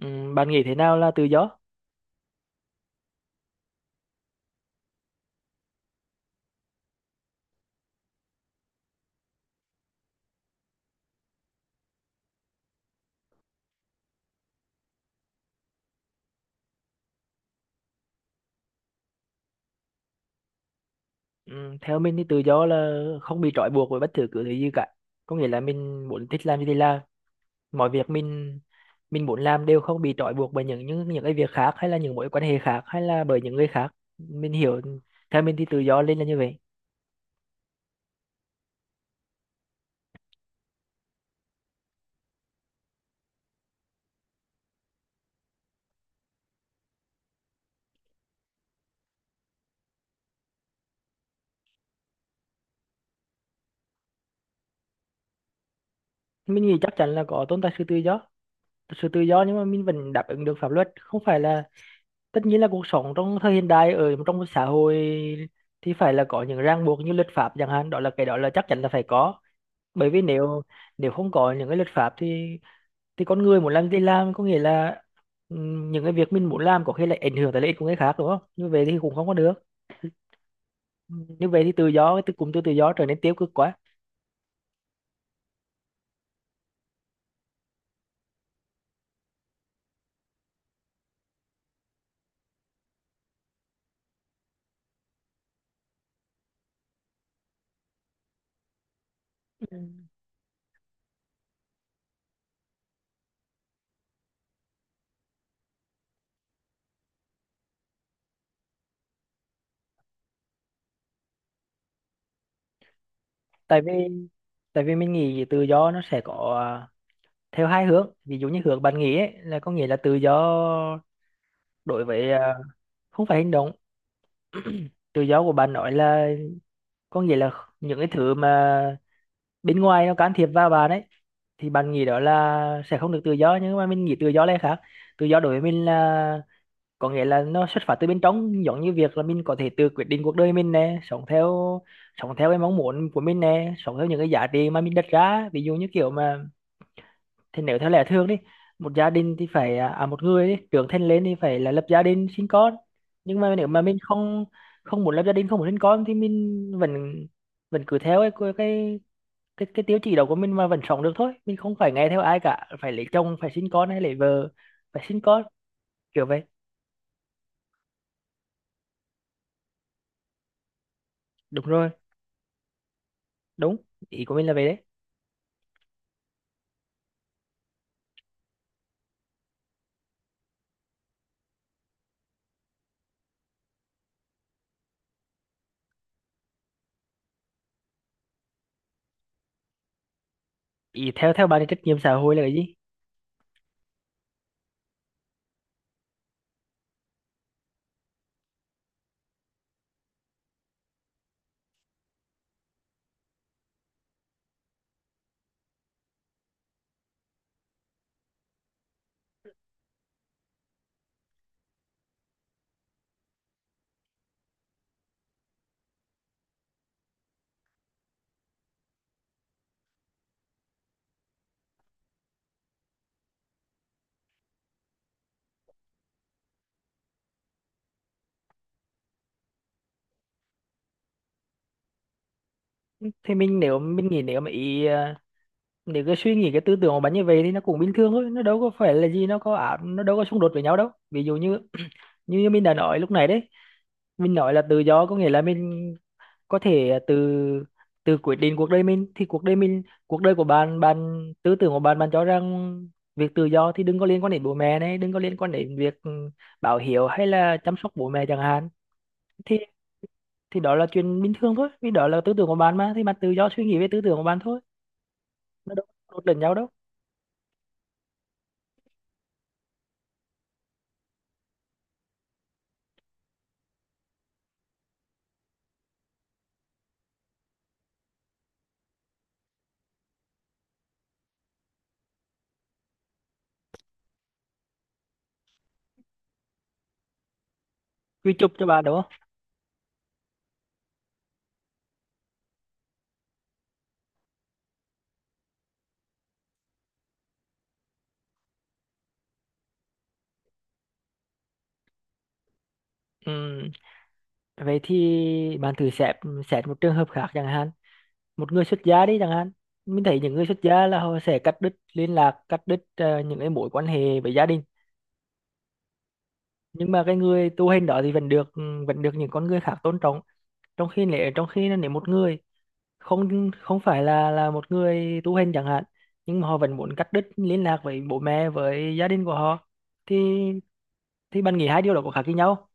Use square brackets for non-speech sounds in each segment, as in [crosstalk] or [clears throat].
Ừ, bạn nghĩ thế nào là tự do? Ừ, theo mình thì tự do là không bị trói buộc bởi bất cứ thứ gì cả. Có nghĩa là mình muốn thích làm gì thì làm, mọi việc mình muốn làm đều không bị trói buộc bởi những cái việc khác hay là những mối quan hệ khác hay là bởi những người khác. Mình hiểu, theo mình thì tự do lên là như vậy. Mình nghĩ chắc chắn là có tồn tại sự tự do nhưng mà mình vẫn đáp ứng được pháp luật. Không phải là tất nhiên là cuộc sống trong thời hiện đại ở trong một xã hội thì phải là có những ràng buộc như luật pháp chẳng hạn, đó là chắc chắn là phải có. Bởi vì nếu nếu không có những cái luật pháp thì con người muốn làm gì làm, có nghĩa là những cái việc mình muốn làm có khi lại ảnh hưởng tới lợi ích của người khác, đúng không? Như vậy thì cũng không có được, như vậy thì tự do, cái từ cụm từ tự do trở nên tiêu cực quá. Ừ. tại vì tại vì mình nghĩ tự do nó sẽ có, theo hai hướng. Ví dụ như hướng bạn nghĩ ấy, là có nghĩa là tự do đối với, không phải hành động. Tự do của bạn nói là, có nghĩa là những cái thứ mà bên ngoài nó can thiệp vào bạn ấy, thì bạn nghĩ đó là sẽ không được tự do. Nhưng mà mình nghĩ tự do là khác. Tự do đối với mình là, có nghĩa là nó xuất phát từ bên trong, giống như việc là mình có thể tự quyết định cuộc đời mình nè, sống theo cái mong muốn của mình nè, sống theo những cái giá trị mà mình đặt ra. Ví dụ như kiểu mà, thì nếu theo lẽ thường đi, một gia đình thì phải một người đi, trưởng thành lên thì phải là lập gia đình sinh con. Nhưng mà nếu mà mình không không muốn lập gia đình, không muốn sinh con, thì mình vẫn vẫn cứ theo cái tiêu chí đó của mình mà vẫn sống được thôi. Mình không phải nghe theo ai cả, phải lấy chồng phải sinh con hay lấy vợ phải sinh con, kiểu vậy. Đúng rồi. Đúng. Ý của mình là vậy đấy. Ý, theo theo bạn thì trách nhiệm xã hội là cái gì? Thì nếu mình nghĩ nếu mà ý à, nếu cái suy nghĩ, cái tư tưởng của bạn như vậy thì nó cũng bình thường thôi, nó đâu có phải là gì, nó có ảo, nó đâu có xung đột với nhau đâu. Ví dụ như [clears throat] như mình đã nói lúc này đấy, mình nói là tự do có nghĩa là mình có thể, từ từ quyết định cuộc đời mình. Thì cuộc đời của bạn, bạn tư tưởng của bạn bạn cho rằng việc tự do thì đừng có liên quan đến bố mẹ này, đừng có liên quan đến việc báo hiếu hay là chăm sóc bố mẹ chẳng hạn, thì thì đó là chuyện bình thường thôi. Vì đó là tư tưởng của bạn mà, thì bạn tự do suy nghĩ về tư tưởng của bạn thôi, nó đâu có đột lẫn nhau đâu. Quy chụp cho bạn, đúng không? Ừm, vậy thì bạn thử xét xét một trường hợp khác chẳng hạn, một người xuất gia đi chẳng hạn. Mình thấy những người xuất gia là họ sẽ cắt đứt liên lạc, cắt đứt những cái mối quan hệ với gia đình, nhưng mà cái người tu hành đó thì vẫn được những con người khác tôn trọng. Trong khi nếu một người không không phải là một người tu hành chẳng hạn, nhưng mà họ vẫn muốn cắt đứt liên lạc với bố mẹ, với gia đình của họ, thì thì bạn nghĩ hai điều đó có khác với nhau?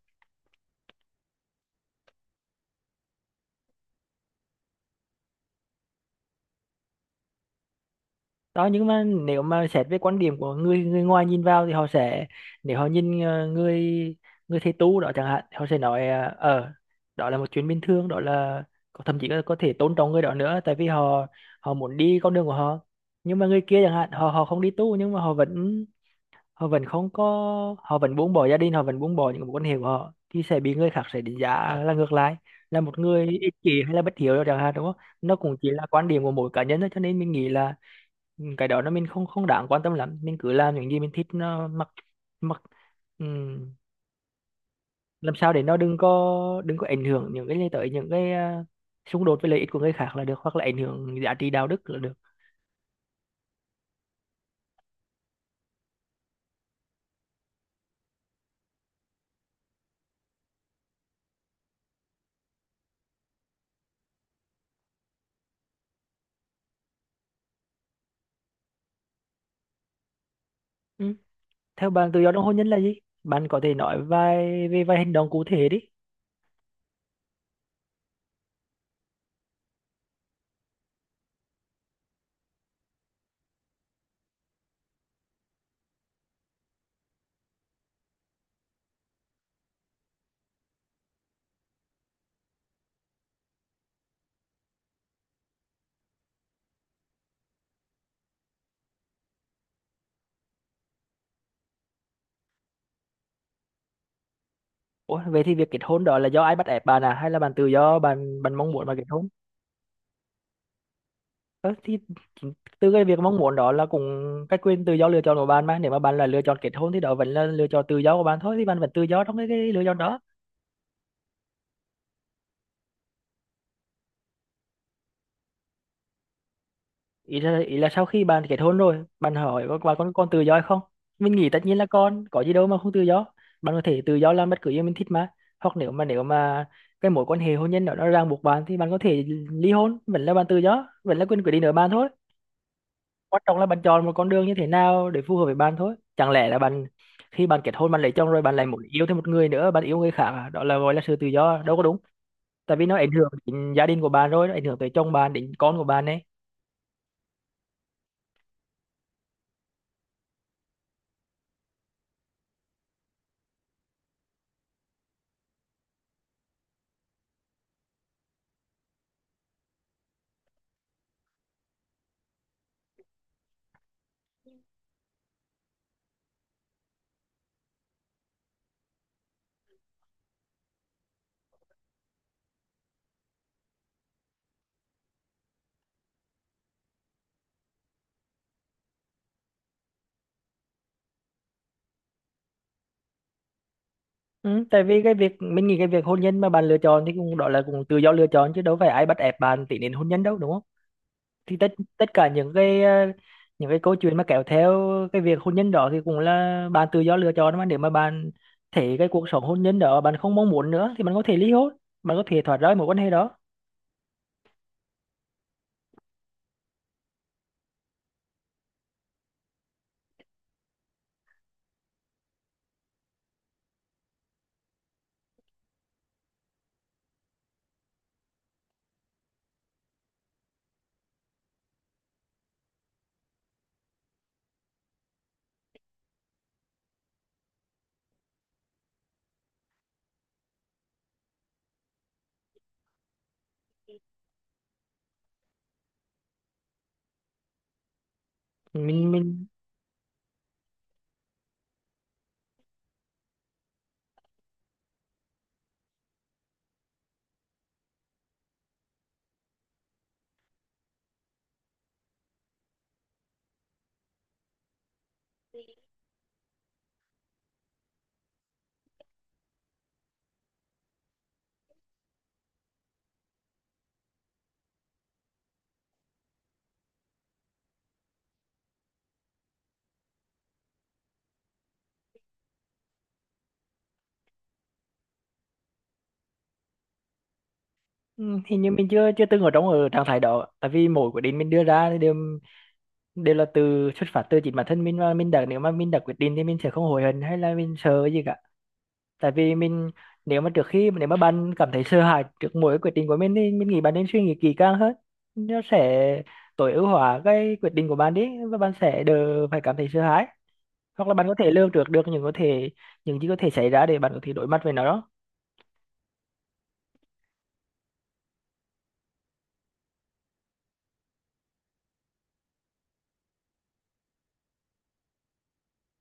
Đó, nhưng mà nếu mà xét về quan điểm của người, người ngoài nhìn vào thì họ sẽ, nếu họ nhìn người người thầy tu đó chẳng hạn, họ sẽ nói đó là một chuyện bình thường, đó là thậm chí là có thể tôn trọng người đó nữa. Tại vì họ họ muốn đi con đường của họ, nhưng mà người kia chẳng hạn, họ họ không đi tu nhưng mà họ vẫn không có họ vẫn buông bỏ gia đình, họ vẫn buông bỏ những mối quan hệ của họ, thì sẽ bị người khác sẽ đánh giá là ngược lại, là một người ích kỷ hay là bất hiếu chẳng hạn, đúng không? Nó cũng chỉ là quan điểm của mỗi cá nhân thôi, cho nên mình nghĩ là cái đó nó, mình không không đáng quan tâm lắm. Mình cứ làm những gì mình thích, nó mặc, mặc ừm, làm sao để nó đừng có ảnh hưởng những cái, tới xung đột với lợi ích của người khác là được, hoặc là ảnh hưởng giá trị đạo đức là được. Ừ. Theo bạn tự do trong hôn nhân là gì? Bạn có thể nói vài hành động cụ thể đi. Ủa, vậy thì việc kết hôn đó là do ai bắt ép bạn à, hay là bạn tự do, bạn bạn mong muốn mà kết hôn? Ờ, thì chính từ cái việc mong muốn đó là cũng cái quyền tự do lựa chọn của bạn mà. Nếu mà bạn là lựa chọn kết hôn thì đó vẫn là lựa chọn tự do của bạn thôi, thì bạn vẫn tự do trong cái lựa chọn đó. Ý là, sau khi bạn kết hôn rồi, bạn hỏi, bạn còn còn tự do hay không? Mình nghĩ tất nhiên là còn, có gì đâu mà không tự do. Bạn có thể tự do làm bất cứ gì mình thích mà. Hoặc nếu mà cái mối quan hệ hôn nhân đó nó ràng buộc bạn thì bạn có thể ly hôn, vẫn là bạn tự do, vẫn là quyền quyết định ở bạn thôi. Quan trọng là bạn chọn một con đường như thế nào để phù hợp với bạn thôi. Chẳng lẽ là bạn, khi bạn kết hôn bạn lấy chồng rồi bạn lại muốn yêu thêm một người nữa, bạn yêu người khác à? Đó là gọi là sự tự do đâu có đúng, tại vì nó ảnh hưởng đến gia đình của bạn rồi, nó ảnh hưởng tới chồng bạn, đến con của bạn ấy. Ừ, tại vì cái việc mình nghĩ, cái việc hôn nhân mà bạn lựa chọn thì cũng đó là cũng tự do lựa chọn, chứ đâu phải ai bắt ép bạn tiến đến hôn nhân đâu, đúng không? Thì tất tất cả những cái, những cái câu chuyện mà kéo theo cái việc hôn nhân đó thì cũng là bạn tự do lựa chọn mà. Nếu mà bạn thấy cái cuộc sống hôn nhân đó bạn không mong muốn nữa thì bạn có thể ly hôn, bạn có thể thoát ra mối quan hệ đó. Mình mình ừ, hình như mình chưa chưa từng ở trong, ở trạng thái đó, tại vì mỗi quyết định mình đưa ra thì đều đều là từ xuất phát từ chính bản thân mình, và mình đã nếu mà mình đã quyết định thì mình sẽ không hối hận hay là mình sợ gì cả. Tại vì mình, nếu mà bạn cảm thấy sợ hãi trước mỗi quyết định của mình thì mình nghĩ bạn nên suy nghĩ kỹ càng hơn. Nó sẽ tối ưu hóa cái quyết định của bạn đi, và bạn sẽ đỡ phải cảm thấy sợ hãi, hoặc là bạn có thể lường trước được những gì có thể xảy ra để bạn có thể đối mặt với nó đó.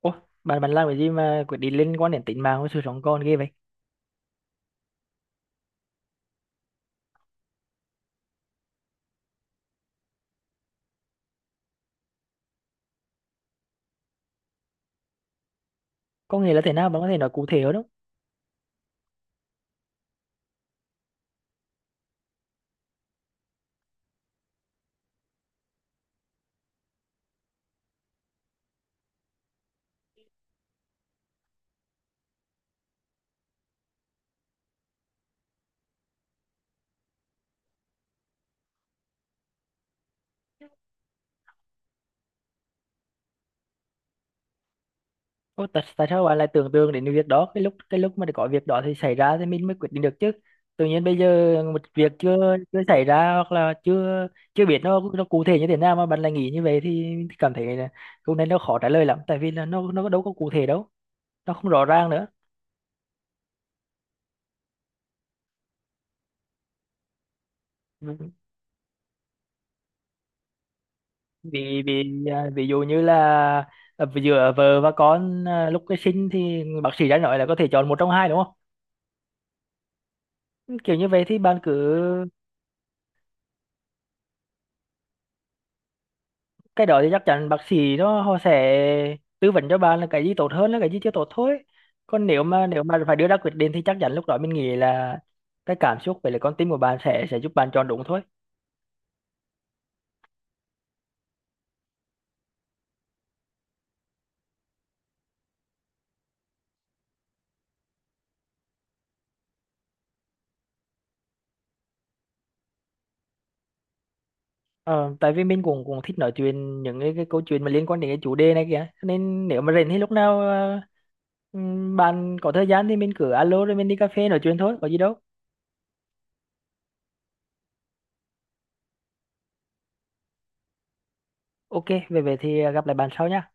Ủa, bạn bạn làm cái gì mà quyết định liên quan đến tính mạng và sự sống còn ghê vậy? Có nghĩa là thế nào, bạn có thể nói cụ thể hơn không? Ô, tại sao bạn lại tưởng tượng đến việc đó? Cái lúc mà có việc đó thì xảy ra thì mình mới quyết định được chứ. Tự nhiên bây giờ một việc chưa chưa xảy ra hoặc là chưa chưa biết nó cụ thể như thế nào mà bạn lại nghĩ như vậy, thì mình cảm thấy là câu này nó khó trả lời lắm, tại vì là nó đâu có cụ thể đâu, nó không rõ ràng nữa. Vì vì à, ví dụ như là giữa vợ và con, lúc cái sinh thì bác sĩ đã nói là có thể chọn một trong hai, đúng không? Kiểu như vậy thì bạn cứ, cái đó thì chắc chắn bác sĩ nó họ sẽ tư vấn cho bạn là cái gì tốt hơn là cái gì chưa tốt thôi. Còn nếu mà phải đưa ra quyết định thì chắc chắn lúc đó mình nghĩ là cái cảm xúc với lại con tim của bạn sẽ giúp bạn chọn đúng thôi. Ờ, tại vì mình cũng cũng thích nói chuyện những cái câu chuyện mà liên quan đến cái chủ đề này kìa. Cho nên nếu mà rảnh thì lúc nào bạn có thời gian thì mình cứ alo rồi mình đi cà phê nói chuyện thôi, có gì đâu. OK, về về thì gặp lại bạn sau nha.